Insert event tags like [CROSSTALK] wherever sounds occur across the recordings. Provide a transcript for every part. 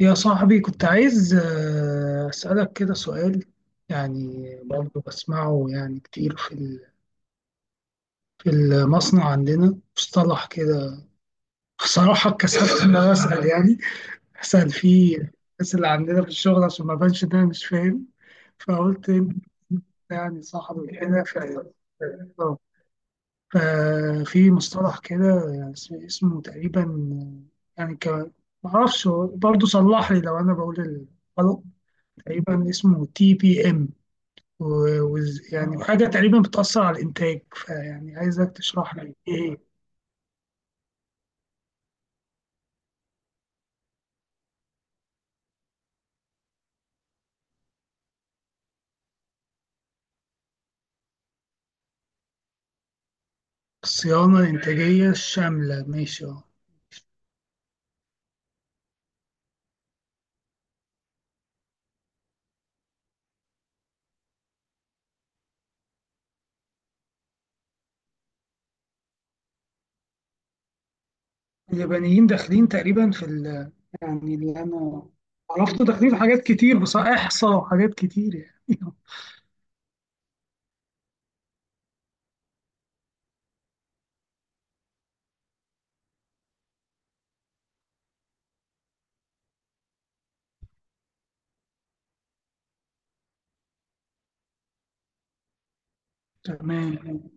يا صاحبي كنت عايز أسألك كده سؤال يعني برضه بسمعه يعني كتير في المصنع عندنا مصطلح كده. بصراحة اتكسفت إن أنا أسأل يعني أسأل فيه الناس اللي عندنا في الشغل عشان ما أبانش إن أنا مش فاهم، فقلت إنت يعني صاحبي كده آه. ففي مصطلح كده يعني اسمه تقريبا، يعني ك... معرفش، برضه صلح لي لو أنا بقول الغلط. تقريبا اسمه تي بي ام، يعني اه حاجة تقريبا بتأثر على الإنتاج، فيعني عايزك تشرح لي إيه هي الصيانة الإنتاجية الشاملة. ماشي أه. اليابانيين داخلين تقريبا يعني اللي أنا عرفته داخلين في حاجات كتير بصراحة، إحصاء وحاجات كتير يعني [LAUGHS] تمام.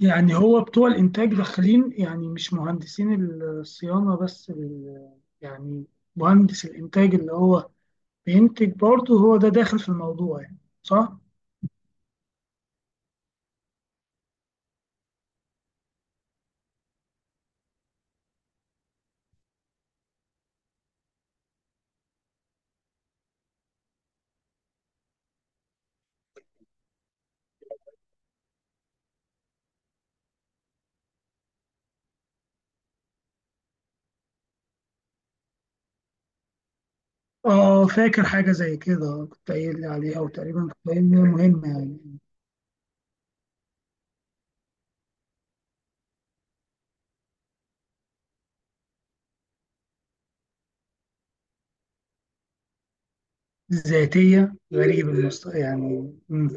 يعني هو بتوع الإنتاج داخلين يعني مش مهندسين الصيانة يعني مهندس الإنتاج اللي هو بينتج برضه، هو ده داخل في الموضوع يعني، صح؟ اه فاكر حاجة زي كده، كنت قايل لي عليها وتقريبا كنت قايل لي مهمة يعني. ذاتية غريب يعني مم.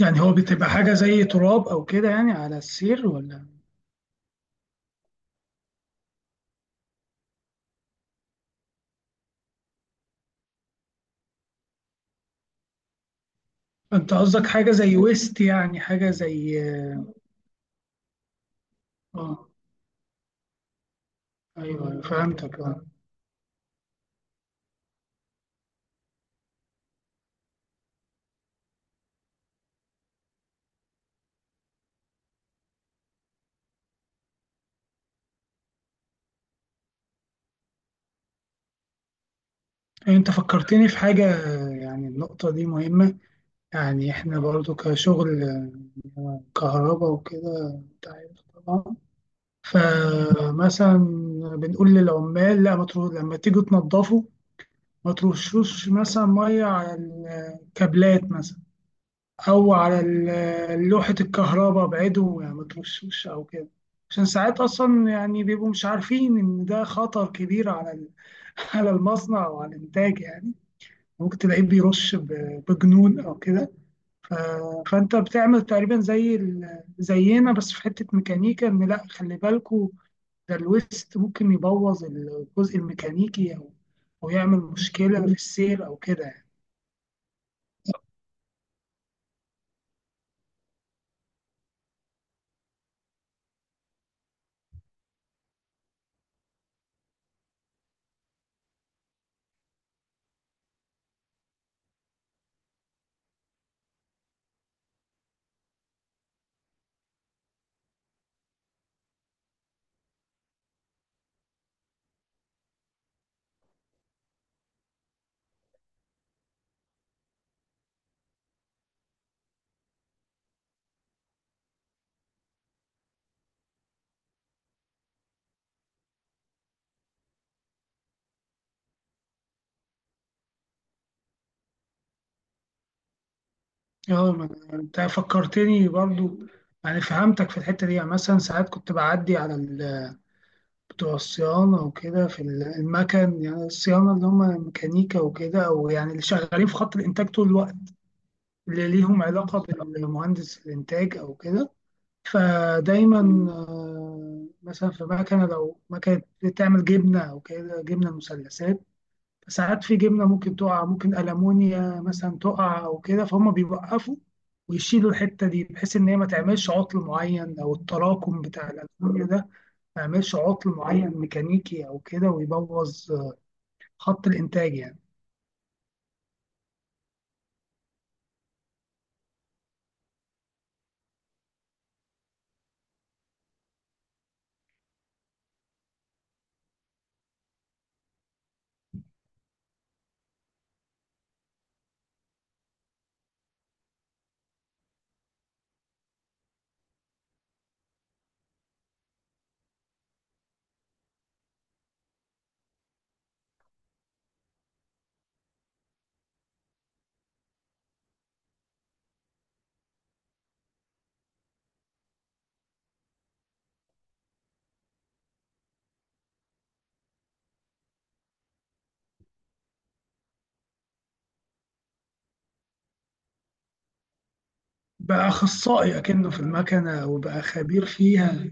يعني هو بتبقى حاجة زي تراب أو كده يعني على السير ولا؟ أنت قصدك حاجة زي ويست، يعني حاجة زي. اه، أيوه أيوة، فهمتك اه. أنت فكرتني في حاجة، يعني النقطة دي مهمة. يعني إحنا برضو كشغل كهرباء وكده أنت عارف طبعا. فمثلا بنقول للعمال لا ما تروح لما تيجوا تنظفوا، ما ترشوش مثلا ميه على الكابلات مثلا، او على لوحه الكهرباء، ابعدوا يعني ما ترشوش او كده. عشان ساعات اصلا يعني بيبقوا مش عارفين ان ده خطر كبير [LAUGHS] على المصنع او على الانتاج يعني. ممكن تلاقيه بيرش بجنون او كده، ف... فانت بتعمل تقريبا زينا بس في حته ميكانيكا، ان لا خلي بالكوا ده الويست ممكن يبوظ الجزء الميكانيكي او او يعمل مشكله في السير او كده يعني. اه ما أنا- انت فكرتني برضو يعني فهمتك في الحته دي. يعني مثلا ساعات كنت بعدي بتوع الصيانه وكده في المكن، يعني الصيانه اللي هم ميكانيكا وكده او يعني اللي شغالين في خط الانتاج طول الوقت اللي ليهم علاقه بالمهندس الانتاج او كده. فدايما آه، مثلا في مكنه، لو مكنه بتعمل جبنه او كده جبنه مثلثات، ساعات في جبنة ممكن تقع، ممكن ألمونيا مثلا تقع أو كده، فهم بيوقفوا ويشيلوا الحتة دي بحيث إن هي ما تعملش عطل معين، أو التراكم بتاع الألمونيا ده ما يعملش عطل معين ميكانيكي أو كده ويبوظ خط الإنتاج يعني. بقى أخصائي أكنه في المكنة وبقى خبير فيها.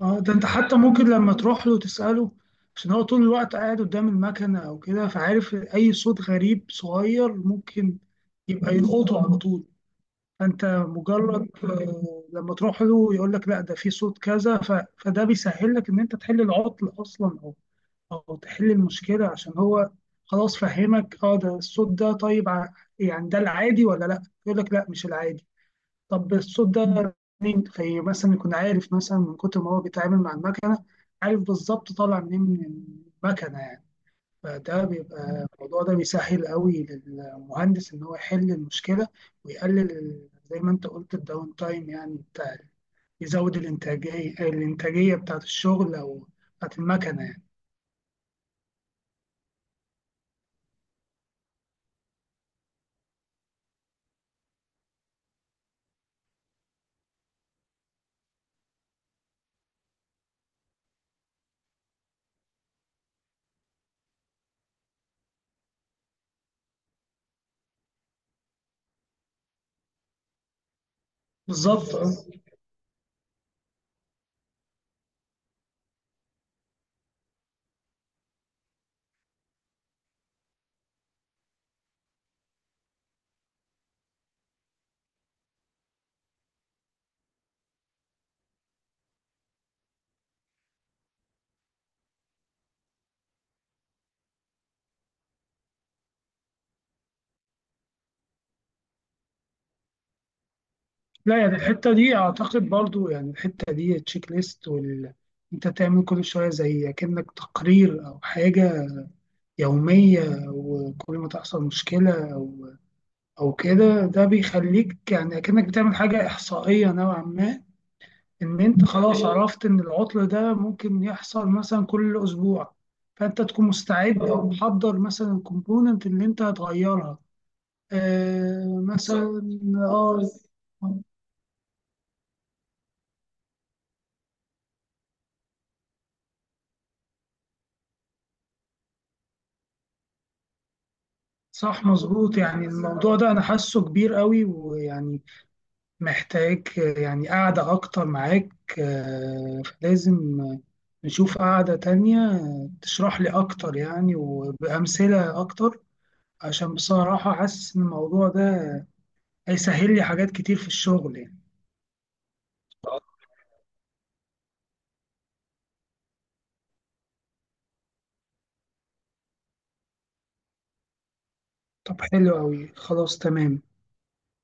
اه ده أنت حتى ممكن لما تروح له تسأله، عشان هو طول الوقت قاعد قدام المكنة أو كده فعارف أي صوت غريب صغير ممكن يبقى يلقطه على طول. فانت مجرد آه، لما تروح له يقول لك لا ده في صوت كذا، فده بيسهل لك ان انت تحل العطل اصلا او او تحل المشكله، عشان هو خلاص فهمك اه ده الصوت ده. طيب يعني ده العادي ولا لا، يقول لك لا مش العادي. طب الصوت ده منين؟ في مثلا يكون عارف مثلا من كتر ما هو بيتعامل مع المكنه، عارف بالظبط طالع منين من المكنه يعني. فده بيبقى الموضوع ده بيسهل قوي للمهندس ان هو يحل المشكله ويقلل زي ما انت قلت الداون تايم يعني بتاع، يزود الانتاجيه بتاعت الشغل او بتاعت المكنه يعني. بالظبط آه. لا يعني الحته دي اعتقد برضو يعني الحته دي التشيك ليست وال انت تعمل كل شويه زي كأنك تقرير او حاجه يوميه، وكل ما تحصل مشكله او او كده، ده بيخليك يعني كأنك بتعمل حاجه احصائيه نوعا ما، ان انت خلاص عرفت ان العطل ده ممكن يحصل مثلا كل اسبوع، فانت تكون مستعد او محضر مثلا الكومبوننت اللي انت هتغيرها آه مثلا اه. صح مظبوط. يعني الموضوع ده انا حاسه كبير قوي ويعني محتاج آه، يعني قاعدة اكتر معاك آه، فلازم آه، نشوف قاعدة تانية تشرح لي اكتر يعني وبأمثلة اكتر، عشان بصراحة حاسس ان الموضوع ده هيسهل لي حاجات كتير في الشغل يعني. طب حلو قوي، خلاص تمام.